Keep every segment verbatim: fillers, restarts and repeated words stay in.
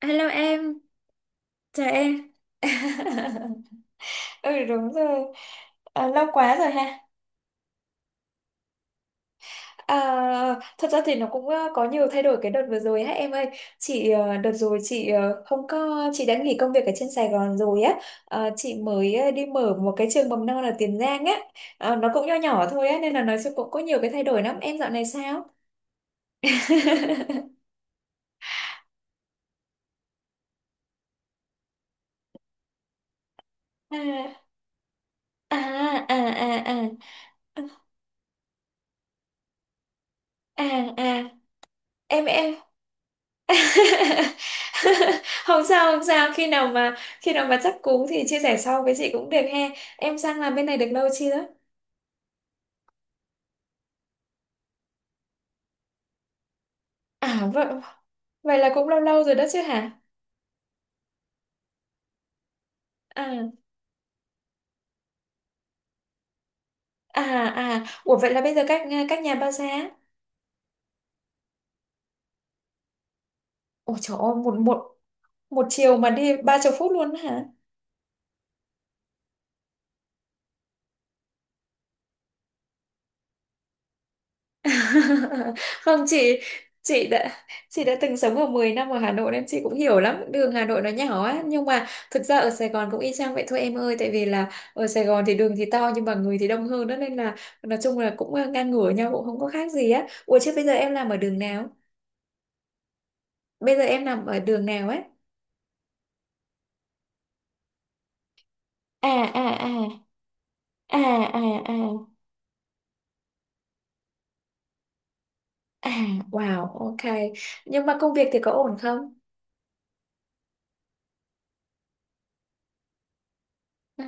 Hello em, chào em. ừ đúng rồi À, lâu quá rồi ha. À, thật ra thì nó cũng ờ, có nhiều thay đổi cái đợt vừa rồi ha em ơi. Chị ờ, đợt rồi chị ờ, không có chị đã nghỉ công việc ở trên Sài Gòn rồi á. Ờ, chị mới ờ, đi mở một cái trường mầm non ở Tiền Giang á. Ờ, nó cũng nho nhỏ thôi á nên là nói chung cũng có nhiều cái thay đổi lắm. Em dạo này sao? à à à à à à à à. em em Không sao, không sao, khi nào mà khi nào mà chắc cú thì chia sẻ sau với chị cũng được he. Em sang làm bên này được lâu chưa? À vậy, vậy là cũng lâu lâu rồi đó chứ hả? à à à Ủa vậy là bây giờ cách à, cách nhà bao xa? Ủa trời ơi, một một một chiều mà đi ba chục phút luôn hả? Không chị, chị đã chị đã từng sống ở mười năm ở Hà Nội nên chị cũng hiểu lắm, đường Hà Nội nó nhỏ á, nhưng mà thực ra ở Sài Gòn cũng y chang vậy thôi em ơi, tại vì là ở Sài Gòn thì đường thì to nhưng mà người thì đông hơn đó, nên là nói chung là cũng ờ, ngang ngửa nhau, cũng không có khác gì á. Ủa chứ bây giờ em làm ở đường nào Bây giờ em làm ở đường nào ấy? à à à à à à à wow, ok. Nhưng mà công việc thì có ổn không? À.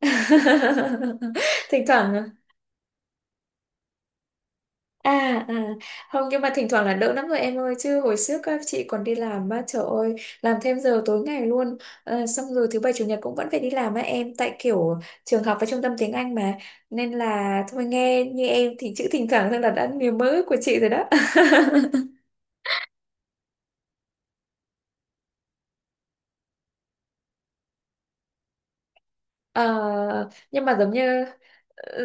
Thỉnh thoảng. À, à Không, nhưng mà thỉnh thoảng là đỡ lắm rồi em ơi, chứ hồi trước á, chị còn đi làm á trời ơi, làm thêm giờ tối ngày luôn. Ờ, xong rồi thứ bảy chủ nhật cũng vẫn phải đi làm á em, tại kiểu trường học và trung tâm tiếng Anh mà, nên là thôi, nghe như em thì chữ thỉnh thoảng thôi là đã niềm mơ của chị rồi đó. Ờ, nhưng mà giống như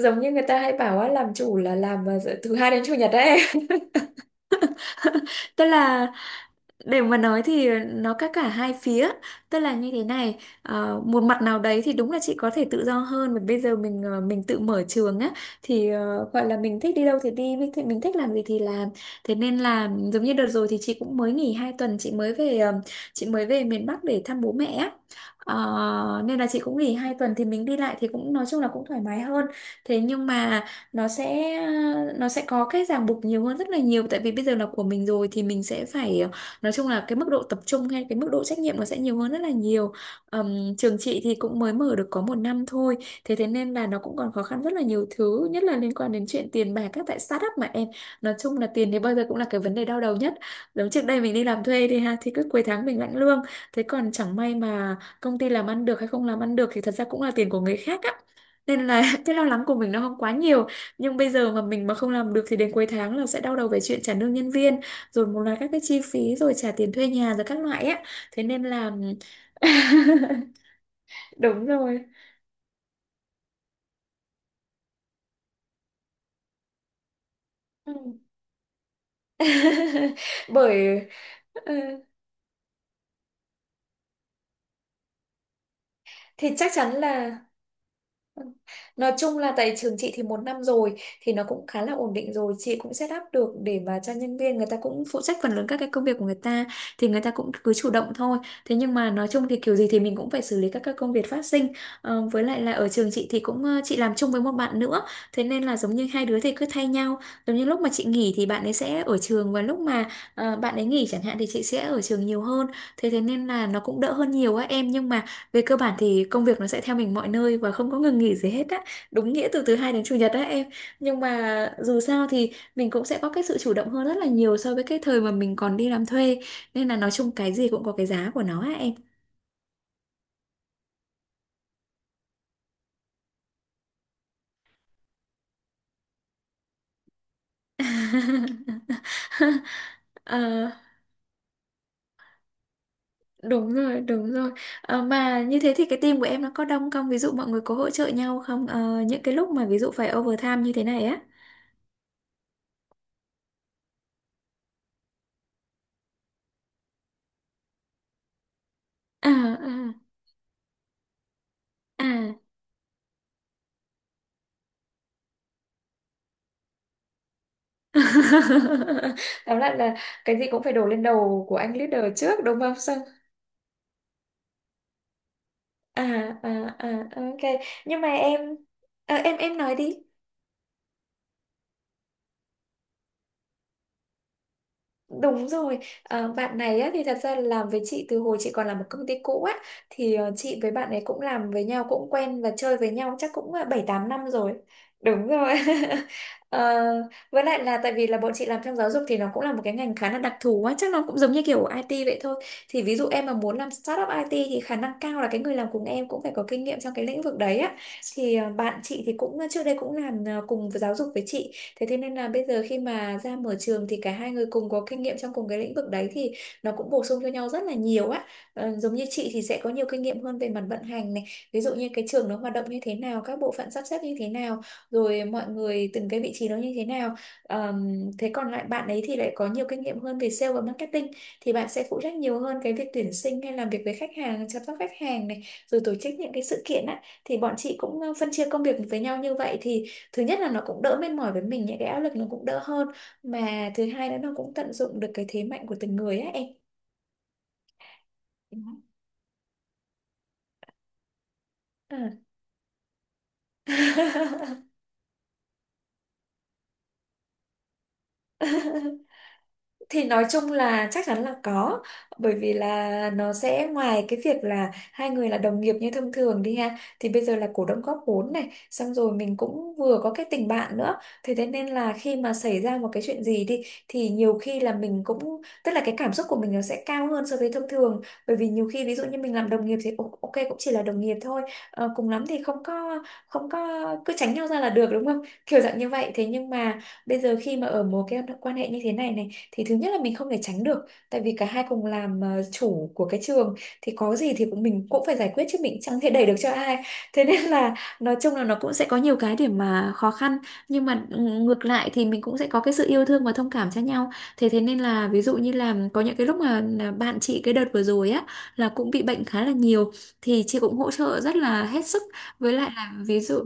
giống như người ta hay bảo á, làm chủ là làm vào giờ- thứ hai đến chủ nhật đấy. Tức là, để mà nói thì nó có cả hai phía. Tức là như thế này, ờ, một mặt nào đấy thì đúng là chị có thể tự do hơn, và bây giờ mình ờ, mình tự mở trường á, thì ờ, gọi là mình thích đi đâu thì đi, mình thích, mình thích làm gì thì làm. Thế nên là giống như đợt rồi thì chị cũng mới nghỉ hai tuần, chị mới về ờ, chị mới về miền Bắc để thăm bố mẹ á. Ờ, nên là chị cũng nghỉ hai tuần thì mình đi lại thì cũng nói chung là cũng thoải mái hơn. Thế nhưng mà nó sẽ nó sẽ có cái ràng buộc nhiều hơn rất là nhiều, tại vì bây giờ là của mình rồi thì mình sẽ phải ờ, nói chung là cái mức độ tập trung hay cái mức độ trách nhiệm nó sẽ nhiều hơn rất là nhiều. Ờm, trường chị thì cũng mới mở được có một năm thôi, thế thế nên là nó cũng còn khó khăn rất là nhiều, thứ nhất là liên quan đến chuyện tiền bạc các tại startup mà em. Nói chung là tiền thì bao giờ cũng là cái vấn đề đau đầu nhất. Giống trước đây mình đi làm thuê thì ha thì cứ cuối tháng mình lãnh lương, thế còn chẳng may mà công ty làm ăn được hay không làm ăn được thì thật ra cũng là tiền của người khác á, nên là cái lo lắng của mình nó không quá nhiều. Nhưng bây giờ mà mình mà không làm được thì đến cuối tháng là sẽ đau đầu về chuyện trả lương nhân viên, rồi một loạt các cái chi phí, rồi trả tiền thuê nhà rồi các loại á. Thế nên là đúng rồi. Ừ. Bởi ừ, thì chắc chắn là, nói chung là tại trường chị thì một năm rồi thì nó cũng khá là ổn định rồi, chị cũng set up được để mà cho nhân viên người ta cũng phụ trách phần lớn các cái công việc của người ta, thì người ta cũng cứ chủ động thôi. Thế nhưng mà nói chung thì kiểu gì thì mình cũng phải xử lý các cái công việc phát sinh. Ờ, với lại là ở trường chị thì cũng ờ, chị làm chung với một bạn nữa, thế nên là giống như hai đứa thì cứ thay nhau, giống như lúc mà chị nghỉ thì bạn ấy sẽ ở trường, và lúc mà ờ, bạn ấy nghỉ chẳng hạn thì chị sẽ ở trường nhiều hơn. Thế thế nên là nó cũng đỡ hơn nhiều á em, nhưng mà về cơ bản thì công việc nó sẽ theo mình mọi nơi và không có ngừng nghỉ gì hết á. Đúng nghĩa từ thứ hai đến chủ nhật á em. Nhưng mà dù sao thì mình cũng sẽ có cái sự chủ động hơn rất là nhiều so với cái thời mà mình còn đi làm thuê. Nên là nói chung cái gì cũng có cái giá của nó á em. Ờ, đúng rồi, đúng rồi. Ờ, mà như thế thì cái team của em nó có đông không? Ví dụ mọi người có hỗ trợ nhau không? Ờ, những cái lúc mà ví dụ phải overtime như thế này á. À, à, à. Tóm lại là cái gì cũng phải đổ lên đầu của anh leader trước đúng không? Xong à à à ok. Nhưng mà em ờ, em em nói đi. Đúng rồi, à, bạn này á, thì thật ra là làm với chị từ hồi chị còn làm một công ty cũ á, thì ờ, chị với bạn ấy cũng làm với nhau cũng quen và chơi với nhau chắc cũng ờ, bảy tám năm rồi. Đúng rồi. Ờ, với lại là tại vì là bọn chị làm trong giáo dục thì nó cũng là một cái ngành khá là đặc thù á, chắc nó cũng giống như kiểu i tê vậy thôi. Thì ví dụ em mà muốn làm startup ai ti thì khả năng cao là cái người làm cùng em cũng phải có kinh nghiệm trong cái lĩnh vực đấy á. Thì ờ, bạn chị thì cũng trước đây cũng làm ờ, cùng với giáo dục với chị. Thế thế nên là bây giờ khi mà ra mở trường thì cả hai người cùng có kinh nghiệm trong cùng cái lĩnh vực đấy, thì nó cũng bổ sung cho nhau rất là nhiều á. Ờ, giống như chị thì sẽ có nhiều kinh nghiệm hơn về mặt vận hành này, ví dụ như cái trường nó hoạt động như thế nào, các bộ phận sắp xếp như thế nào, rồi mọi người từng cái vị trí đó như thế nào. Ờm, thế còn lại bạn ấy thì lại có nhiều kinh nghiệm hơn về sale và marketing, thì bạn sẽ phụ trách nhiều hơn cái việc tuyển sinh hay làm việc với khách hàng, chăm sóc khách hàng này, rồi tổ chức những cái sự kiện á, thì bọn chị cũng ờ, phân chia công việc với nhau như vậy, thì thứ nhất là nó cũng đỡ mệt mỏi với mình, những cái áp lực nó cũng đỡ hơn, mà thứ hai nữa nó cũng tận dụng được cái thế mạnh của từng người á em. Ừ. À. Thì nói chung là chắc chắn là có, bởi vì là nó sẽ ngoài cái việc là hai người là đồng nghiệp như thông thường đi ha, thì bây giờ là cổ đông góp vốn này, xong rồi mình cũng vừa có cái tình bạn nữa. Thế thế nên là khi mà xảy ra một cái chuyện gì đi thì nhiều khi là mình cũng tức là cái cảm xúc của mình nó sẽ cao hơn so với thông thường. Bởi vì nhiều khi ví dụ như mình làm đồng nghiệp thì "Ồ, ok cũng chỉ là đồng nghiệp thôi. Ờ, cùng lắm thì không có không có cứ tránh nhau ra là được đúng không, kiểu dạng như vậy. Thế nhưng mà bây giờ khi mà ở mối cái quan hệ như thế này này thì thứ nhất là mình không thể tránh được, tại vì cả hai cùng làm ờ, chủ của cái trường, thì có gì thì cũng mình cũng phải giải quyết chứ mình chẳng thể đẩy được cho ai. Thế nên là nói chung là nó cũng sẽ có nhiều cái để mà khó khăn, nhưng mà ừ, ngược lại thì mình cũng sẽ có cái sự yêu thương và thông cảm cho nhau. Thế thế nên là ví dụ như là có những cái lúc mà là bạn chị cái đợt vừa rồi á là cũng bị bệnh khá là nhiều, thì chị cũng hỗ trợ rất là hết sức. Với lại là ví dụ,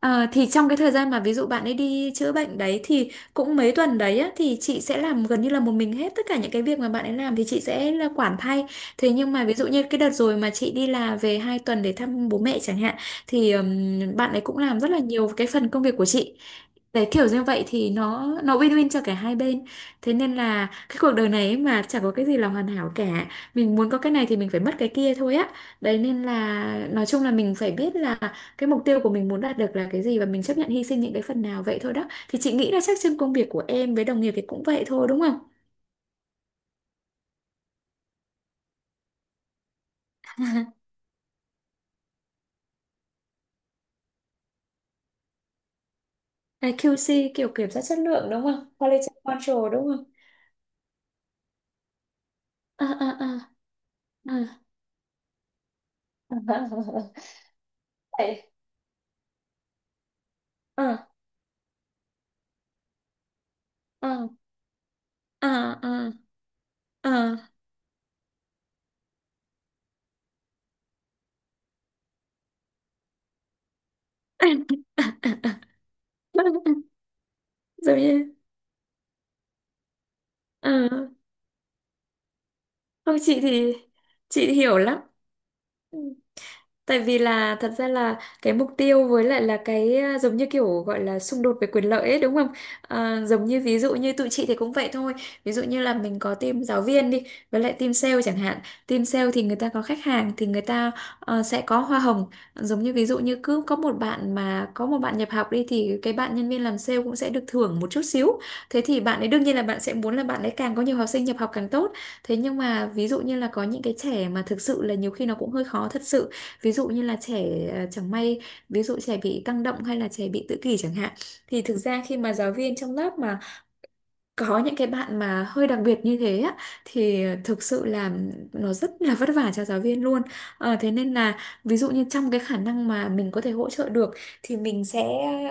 ờ, thì trong cái thời gian mà ví dụ bạn ấy đi chữa bệnh đấy thì cũng mấy tuần đấy á, thì chị sẽ làm gần như là một mình hết tất cả những cái việc mà bạn ấy làm, thì chị sẽ là quản thay. Thế nhưng mà ví dụ như cái đợt rồi mà chị đi là về hai tuần để thăm bố mẹ chẳng hạn, thì ừm, bạn ấy cũng làm rất là nhiều cái phần công việc của chị. Đấy, kiểu như vậy thì nó nó win-win cho cả hai bên. Thế nên là cái cuộc đời này ấy mà chẳng có cái gì là hoàn hảo cả. Mình muốn có cái này thì mình phải mất cái kia thôi á. Đấy nên là nói chung là mình phải biết là cái mục tiêu của mình muốn đạt được là cái gì và mình chấp nhận hy sinh những cái phần nào vậy thôi đó. Thì chị nghĩ là chắc trên công việc của em với đồng nghiệp thì cũng vậy thôi đúng không? Cái kiu xi kiểu kiểm soát chất lượng đúng không? Quality control đúng không? À, à, à, à. Vậy, ờ, ờ, ờ, ờ, ờ, ờ, ờ. Giống như, à, không, chị thì chị hiểu lắm. Ừ, tại vì là thật ra là cái mục tiêu với lại là cái, à, giống như kiểu gọi là xung đột về quyền lợi ấy đúng không? À, giống như ví dụ như tụi chị thì cũng vậy thôi. Ví dụ như là mình có team giáo viên đi với lại team sale chẳng hạn. Team sale thì người ta có khách hàng thì người ta ờ, sẽ có hoa hồng. Giống như ví dụ như cứ có một bạn mà có một bạn nhập học đi thì cái bạn nhân viên làm sale cũng sẽ được thưởng một chút xíu. Thế thì bạn ấy đương nhiên là bạn sẽ muốn là bạn ấy càng có nhiều học sinh nhập học càng tốt. Thế nhưng mà ví dụ như là có những cái trẻ mà thực sự là nhiều khi nó cũng hơi khó thật sự, ví dụ như là trẻ, à, chẳng may ví dụ trẻ bị tăng động hay là trẻ bị tự kỷ chẳng hạn, thì thực ra khi mà giáo viên trong lớp mà có những cái bạn mà hơi đặc biệt như thế á, thì thực sự là nó rất là vất vả cho giáo viên luôn. Ờ, thế nên là ví dụ như trong cái khả năng mà mình có thể hỗ trợ được thì mình sẽ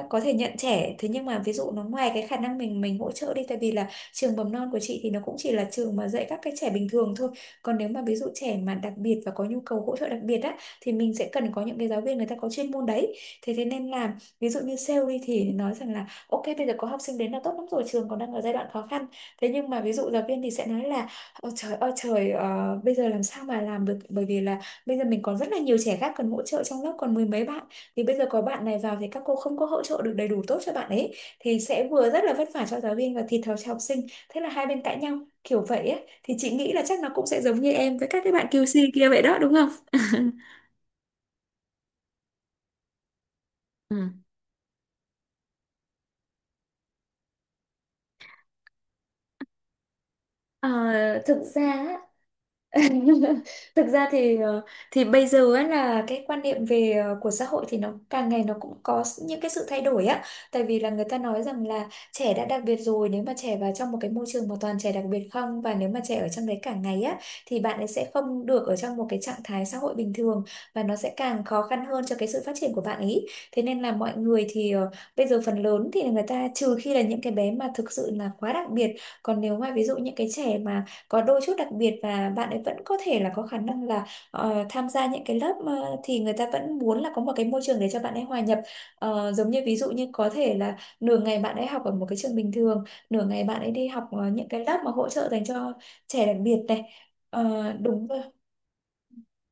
có thể nhận trẻ. Thế nhưng mà ví dụ nó ngoài cái khả năng mình mình hỗ trợ đi, tại vì là trường mầm non của chị thì nó cũng chỉ là trường mà dạy các cái trẻ bình thường thôi, còn nếu mà ví dụ trẻ mà đặc biệt và có nhu cầu hỗ trợ đặc biệt á thì mình sẽ cần có những cái giáo viên người ta có chuyên môn đấy. Thế thế nên là ví dụ như sale đi thì nói rằng là ok, bây giờ có học sinh đến là tốt lắm rồi, trường còn đang ở giai đoạn khó khăn. Thế nhưng mà ví dụ giáo viên thì sẽ nói là ôi trời ơi trời, ờ, bây giờ làm sao mà làm được, bởi vì là bây giờ mình còn rất là nhiều trẻ khác cần hỗ trợ trong lớp, còn mười mấy bạn. Thì bây giờ có bạn này vào thì các cô không có hỗ trợ được đầy đủ tốt cho bạn ấy, thì sẽ vừa rất là vất vả cho giáo viên và thiệt thòi cho học sinh. Thế là hai bên cãi nhau kiểu vậy ấy. Thì chị nghĩ là chắc nó cũng sẽ giống như em với các cái bạn Kiu qui xê kia vậy đó đúng không? Ừ. Ờ, thực ra á, thực ra thì ờ, thì bây giờ ấy là cái quan niệm về, ờ, của xã hội thì nó càng ngày nó cũng có s- những cái sự thay đổi á, tại vì là người ta nói rằng là trẻ đã đặc biệt rồi, nếu mà trẻ vào trong một cái môi trường mà toàn trẻ đặc biệt không, và nếu mà trẻ ở trong đấy cả ngày á, thì bạn ấy sẽ không được ở trong một cái trạng thái xã hội bình thường, và nó sẽ càng khó khăn hơn cho cái sự phát triển của bạn ấy. Thế nên là mọi người thì, ờ, bây giờ phần lớn thì người ta trừ khi là những cái bé mà thực sự là quá đặc biệt, còn nếu mà ví dụ những cái trẻ mà có đôi chút đặc biệt và bạn ấy vẫn có thể là có khả năng là, ờ, tham gia những cái lớp, ờ, thì người ta vẫn muốn là có một cái môi trường để cho bạn ấy hòa nhập. Ờ, giống như ví dụ như có thể là nửa ngày bạn ấy học ở một cái trường bình thường, nửa ngày bạn ấy đi học, ờ, những cái lớp mà hỗ trợ dành cho trẻ đặc biệt này. Ờ, đúng rồi.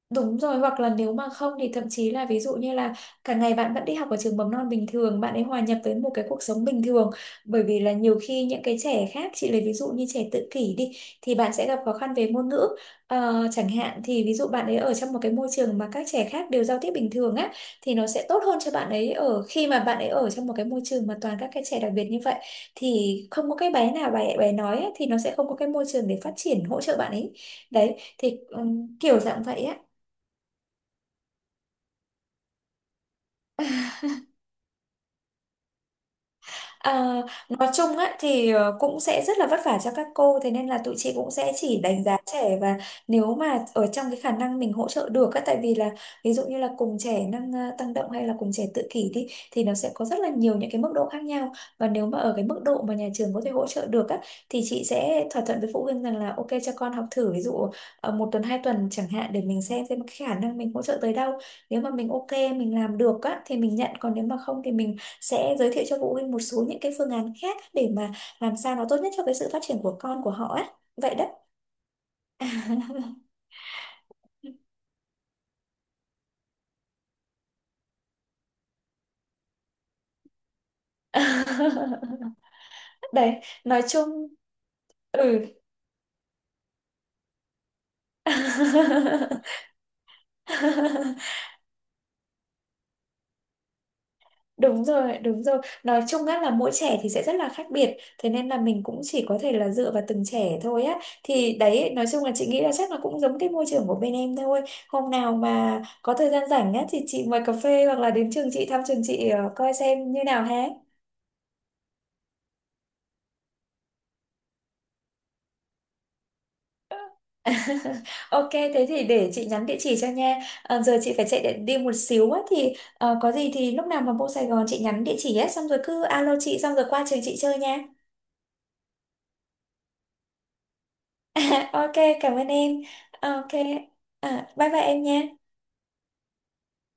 Đúng rồi, hoặc là nếu mà không thì thậm chí là ví dụ như là cả ngày bạn vẫn đi học ở trường mầm non bình thường, bạn ấy hòa nhập với một cái cuộc sống bình thường. Bởi vì là nhiều khi những cái trẻ khác, chị lấy ví dụ như trẻ tự kỷ đi, thì bạn sẽ gặp khó khăn về ngôn ngữ. Ờ, chẳng hạn thì ví dụ bạn ấy ở trong một cái môi trường mà các trẻ khác đều giao tiếp bình thường á, thì nó sẽ tốt hơn cho bạn ấy ở khi mà bạn ấy ở trong một cái môi trường mà toàn các cái trẻ đặc biệt như vậy. Thì không có cái bé nào bé bé nói á, thì nó sẽ không có cái môi trường để phát triển hỗ trợ bạn ấy. Đấy, thì ừm, kiểu dạng vậy á. À, nói chung á, thì ờ, cũng sẽ rất là vất vả cho các cô, thế nên là tụi chị cũng sẽ chỉ đánh giá trẻ, và nếu mà ở trong cái khả năng mình hỗ trợ được á, tại vì là ví dụ như là cùng trẻ năng, ờ, tăng động hay là cùng trẻ tự kỷ đi thì nó sẽ có rất là nhiều những cái mức độ khác nhau, và nếu mà ở cái mức độ mà nhà trường có thể hỗ trợ được á, thì chị sẽ thỏa thuận với phụ huynh rằng là ok cho con học thử ví dụ, ờ, một tuần hai tuần chẳng hạn, để mình xem xem cái khả năng mình hỗ trợ tới đâu. Nếu mà mình ok mình làm được á, thì mình nhận, còn nếu mà không thì mình sẽ giới thiệu cho phụ huynh một số những cái phương án khác để mà làm sao nó tốt nhất cho cái sự phát triển của con của họ á, vậy đó. Đấy, nói chung, ừ, đúng rồi, đúng rồi, nói chung á là mỗi trẻ thì sẽ rất là khác biệt, thế nên là mình cũng chỉ có thể là dựa vào từng trẻ thôi á, thì đấy nói chung là chị nghĩ là chắc là cũng giống cái môi trường của bên em thôi. Hôm nào mà có thời gian rảnh á thì chị mời cà phê hoặc là đến trường chị thăm trường chị, ờ, coi xem như nào ha. Ok, thế thì để chị nhắn địa chỉ cho nha. Ờ, giờ chị phải chạy để đi một xíu á, thì ờ, có gì thì lúc nào mà vô Sài Gòn chị nhắn địa chỉ á, xong rồi cứ alo chị xong rồi qua trường chị chơi nha. Ok, cảm ơn em. Ờ, ok, à, bye bye em nha.